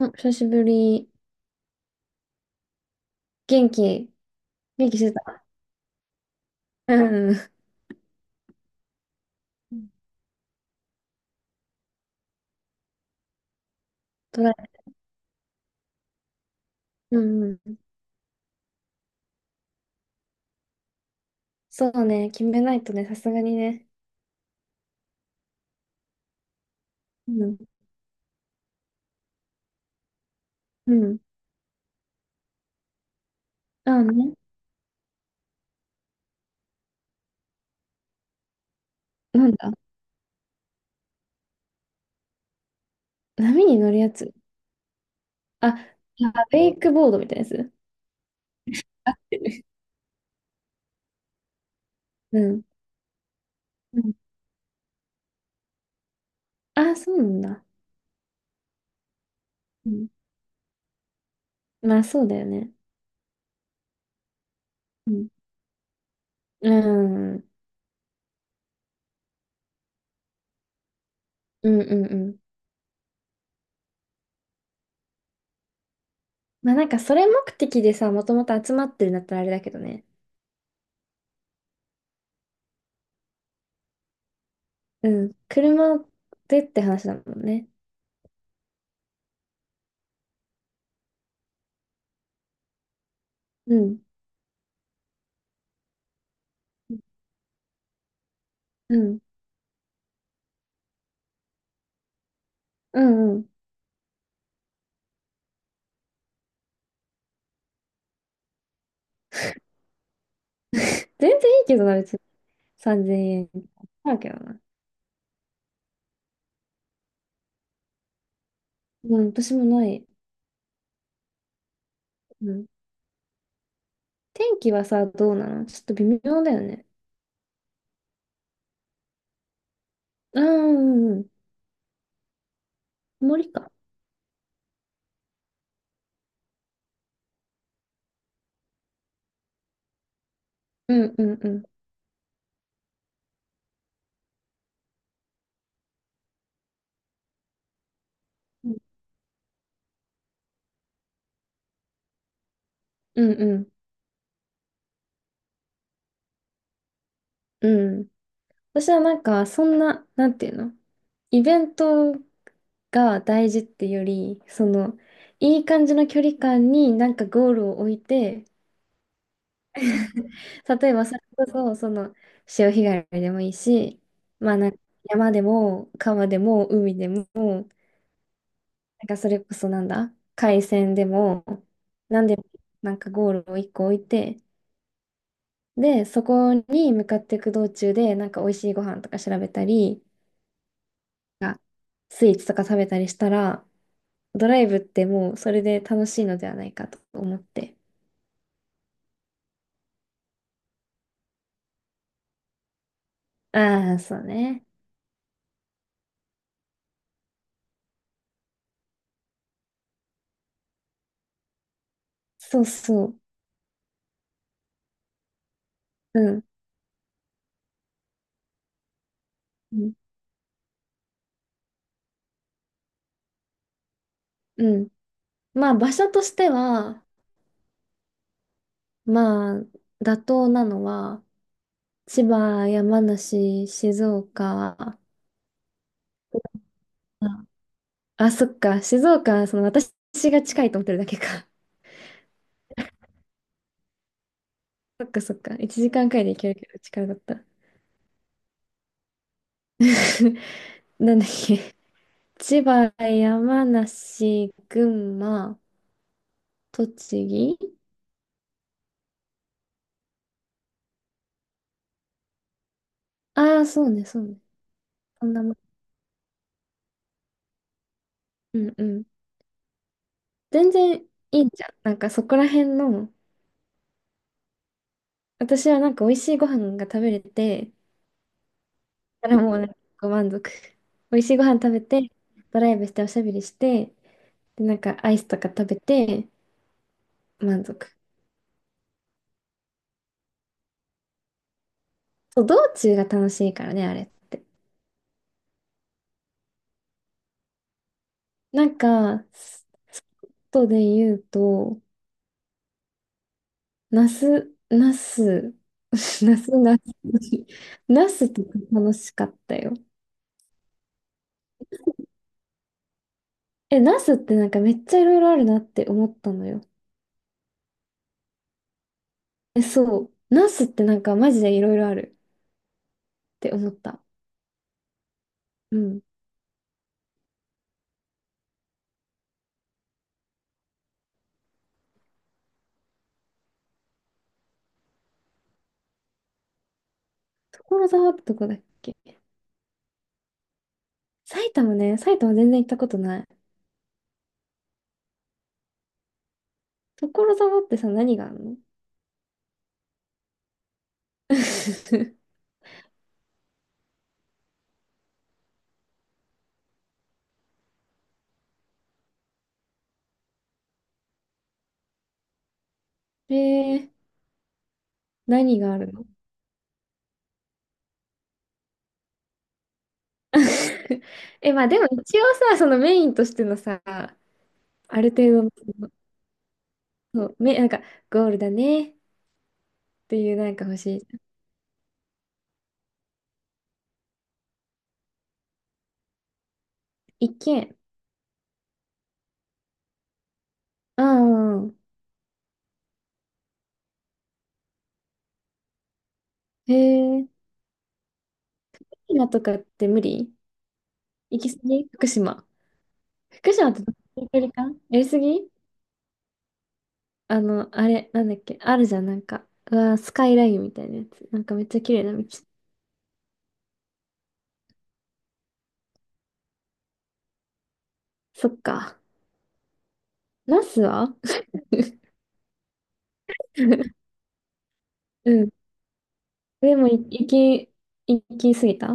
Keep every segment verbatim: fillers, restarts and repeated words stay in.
うん、久しぶり。元気元気してた。うん。うん。トライ。うんうん。そうね。決めないとね、さすがにね。うん。うん。あね。なんだ。波に乗るやつ。あ、あウェイクボードみたいなやつ。うん。うん。あ、そうなんだ。うん。まあ、そうだよね。うん。うん。うんうんうん。まあ、なんか、それ目的でさ、もともと集まってるんだったらあれだけどね。うん。車でって話だもんね。うん。うん。うんうん。全然いいけどな、別に。さんぜんえん。あるけどな。うん、私もない。うん。天気はさ、どうなの？ちょっと微妙だよね。あー、うんうん。曇りか。うんうんうん。うんうんうん。私はなんか、そんな、なんていうの？イベントが大事ってより、その、いい感じの距離感になんかゴールを置いて、例えばそれこそ、その潮干狩りでもいいし、まあなんか山でも川でも海でも、なんかそれこそ、なんだ、海鮮でも、なんでもなんかゴールを一個置いて、で、そこに向かっていく道中で、なんか美味しいご飯とか調べたり、なんかスイーツとか食べたりしたら、ドライブってもうそれで楽しいのではないかと思って。ああ、そうね。そうそう。うん。うん。うん。まあ場所としては、まあ妥当なのは、千葉、山梨、静岡、あ、あ、そっか、静岡はその私が近いと思ってるだけか。そっかそっか、いちじかんくらいで行けるけど近かった。なんだっけ、千葉、山梨、群馬、栃木。ああ、そうね、そうね。そんなもん。うんうん。全然いいじゃん。なんかそこら辺の、私はなんか美味しいご飯が食べれて、だからもうなんかご満足。美味しいご飯食べて、ドライブしておしゃべりして、で、なんかアイスとか食べて、満足。そう、道中が楽しいからね、あれって。なんか、外で言うと、ナス、ナス、ナス、ナス、ナスとか楽しかったよ。え、ナスってなんかめっちゃいろいろあるなって思ったのよ。え、そう。ナスってなんかマジでいろいろあるって思った。うん。所沢ってとこだっけ？埼玉ね、埼玉全然行ったことない。所沢ってさ、何があるの？ えー、何があるの？ え、まあでも一応さ、そのメインとしてのさ、ある程度の、その、そう、め、なんか、ゴールだねっていうなんか欲しい。一軒。うんうん。へえ、福島とかって無理？行き過ぎ、福島。福島ってどの距離感？やりすぎ？あの、あれ、なんだっけ、あるじゃん、なんか。うわー、スカイラインみたいなやつ。なんかめっちゃ綺麗な道。そっか。ナスは？ うん。でも、い行き、行き過ぎた。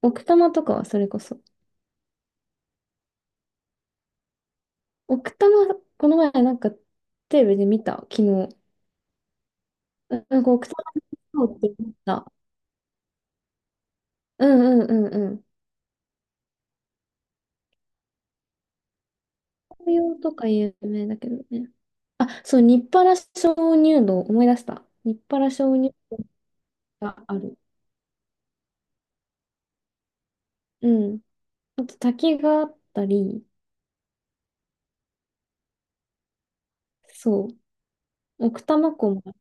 奥多摩とかはそれこそ。奥多摩、この前なんかテレビで見た、昨日。な、なんか奥多摩そうって見た。うんうんうんうん。紅葉とか有名だけどね。あ、そう、日原鍾乳洞、思い出した。日原鍾乳洞がある。うん。あと滝があったり、そう。奥多摩湖も、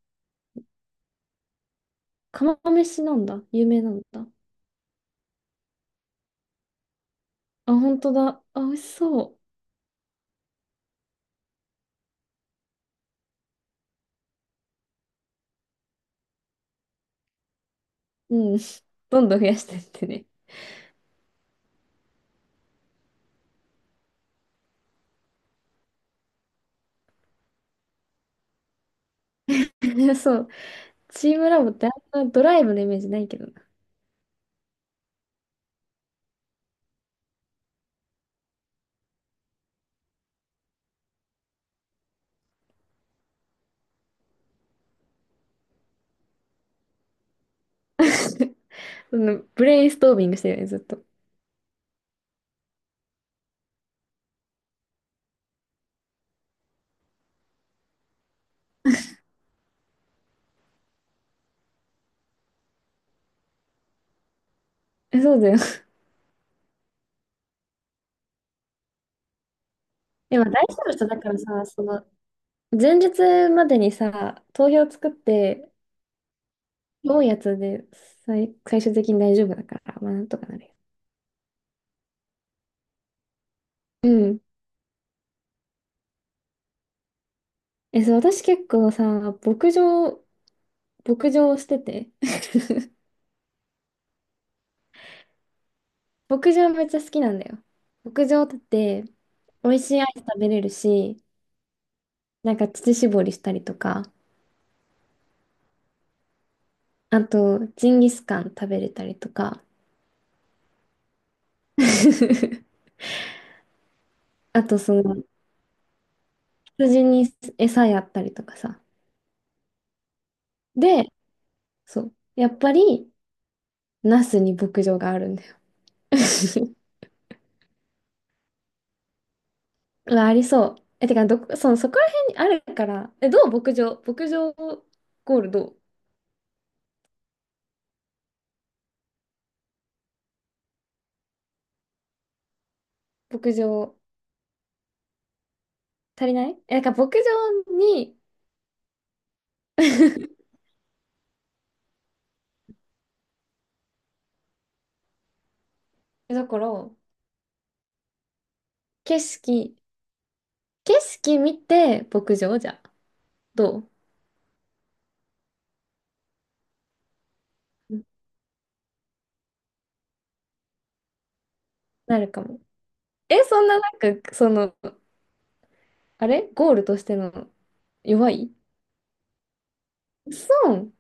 釜飯なんだ。有名なんだ。あ、本当だ。あ、美味しそう。うん。どんどん増やしてってね。そう。チームラボってあんなドライブのイメージないけどな。そのブレインストービングしてるよね、ずっと。え、そうだよ。でも大丈夫、人だからさ、その、前日までにさ、投票作って、多いやつで最、最終的に大丈夫だから、まあなんとかなるよ。うん。え、そう、私結構さ、牧場、牧場をしてて、牧場めっちゃ好きなんだよ。牧場だって美味しいアイス食べれるし、なんか乳搾りしたりとか、あとジンギスカン食べれたりとか、あとその羊に餌やったりとかさ。で、そう。やっぱり、ナスに牧場があるんだよ。うわ、ありそう。え、てか、どこ、その、そこら辺にあるから、え、どう？牧場、牧場ゴールどう？牧場足りない？え、なんか牧場に、 だから、景色、景色見て牧場じゃ、どう？なるかも。え、そんななんか、その、あれゴールとしての弱い？そう。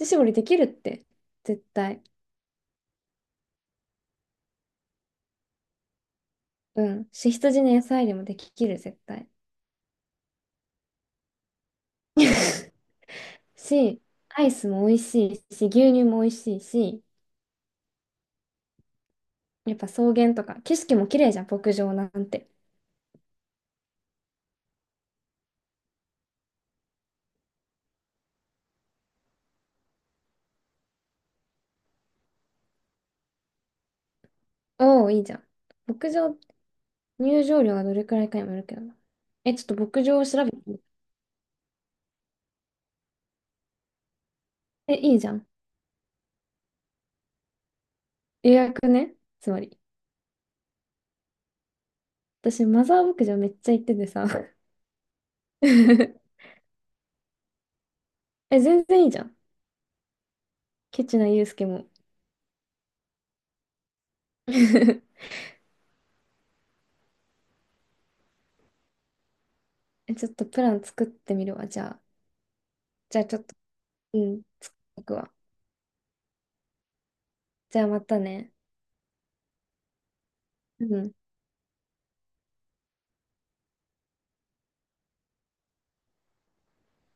乳搾りできるって、絶対。うん。し、羊の野菜でもできる、絶対。し、アイスも美味しいし、牛乳も美味しいし、やっぱ草原とか、景色も綺麗じゃん、牧場なんて。おお、いいじゃん。牧場、入場料はどれくらいかにもよるけどな。え、ちょっと牧場を調べてみて。え、いいじゃん。予約ね。つまり。私、マザー牧場めっちゃ行っててさ。え、全然いいじゃん。ケチなユうスケも。え、ちょっとプラン作ってみるわ。じゃあ、じゃあちょっと、うん、僕はじゃあまたね。うん。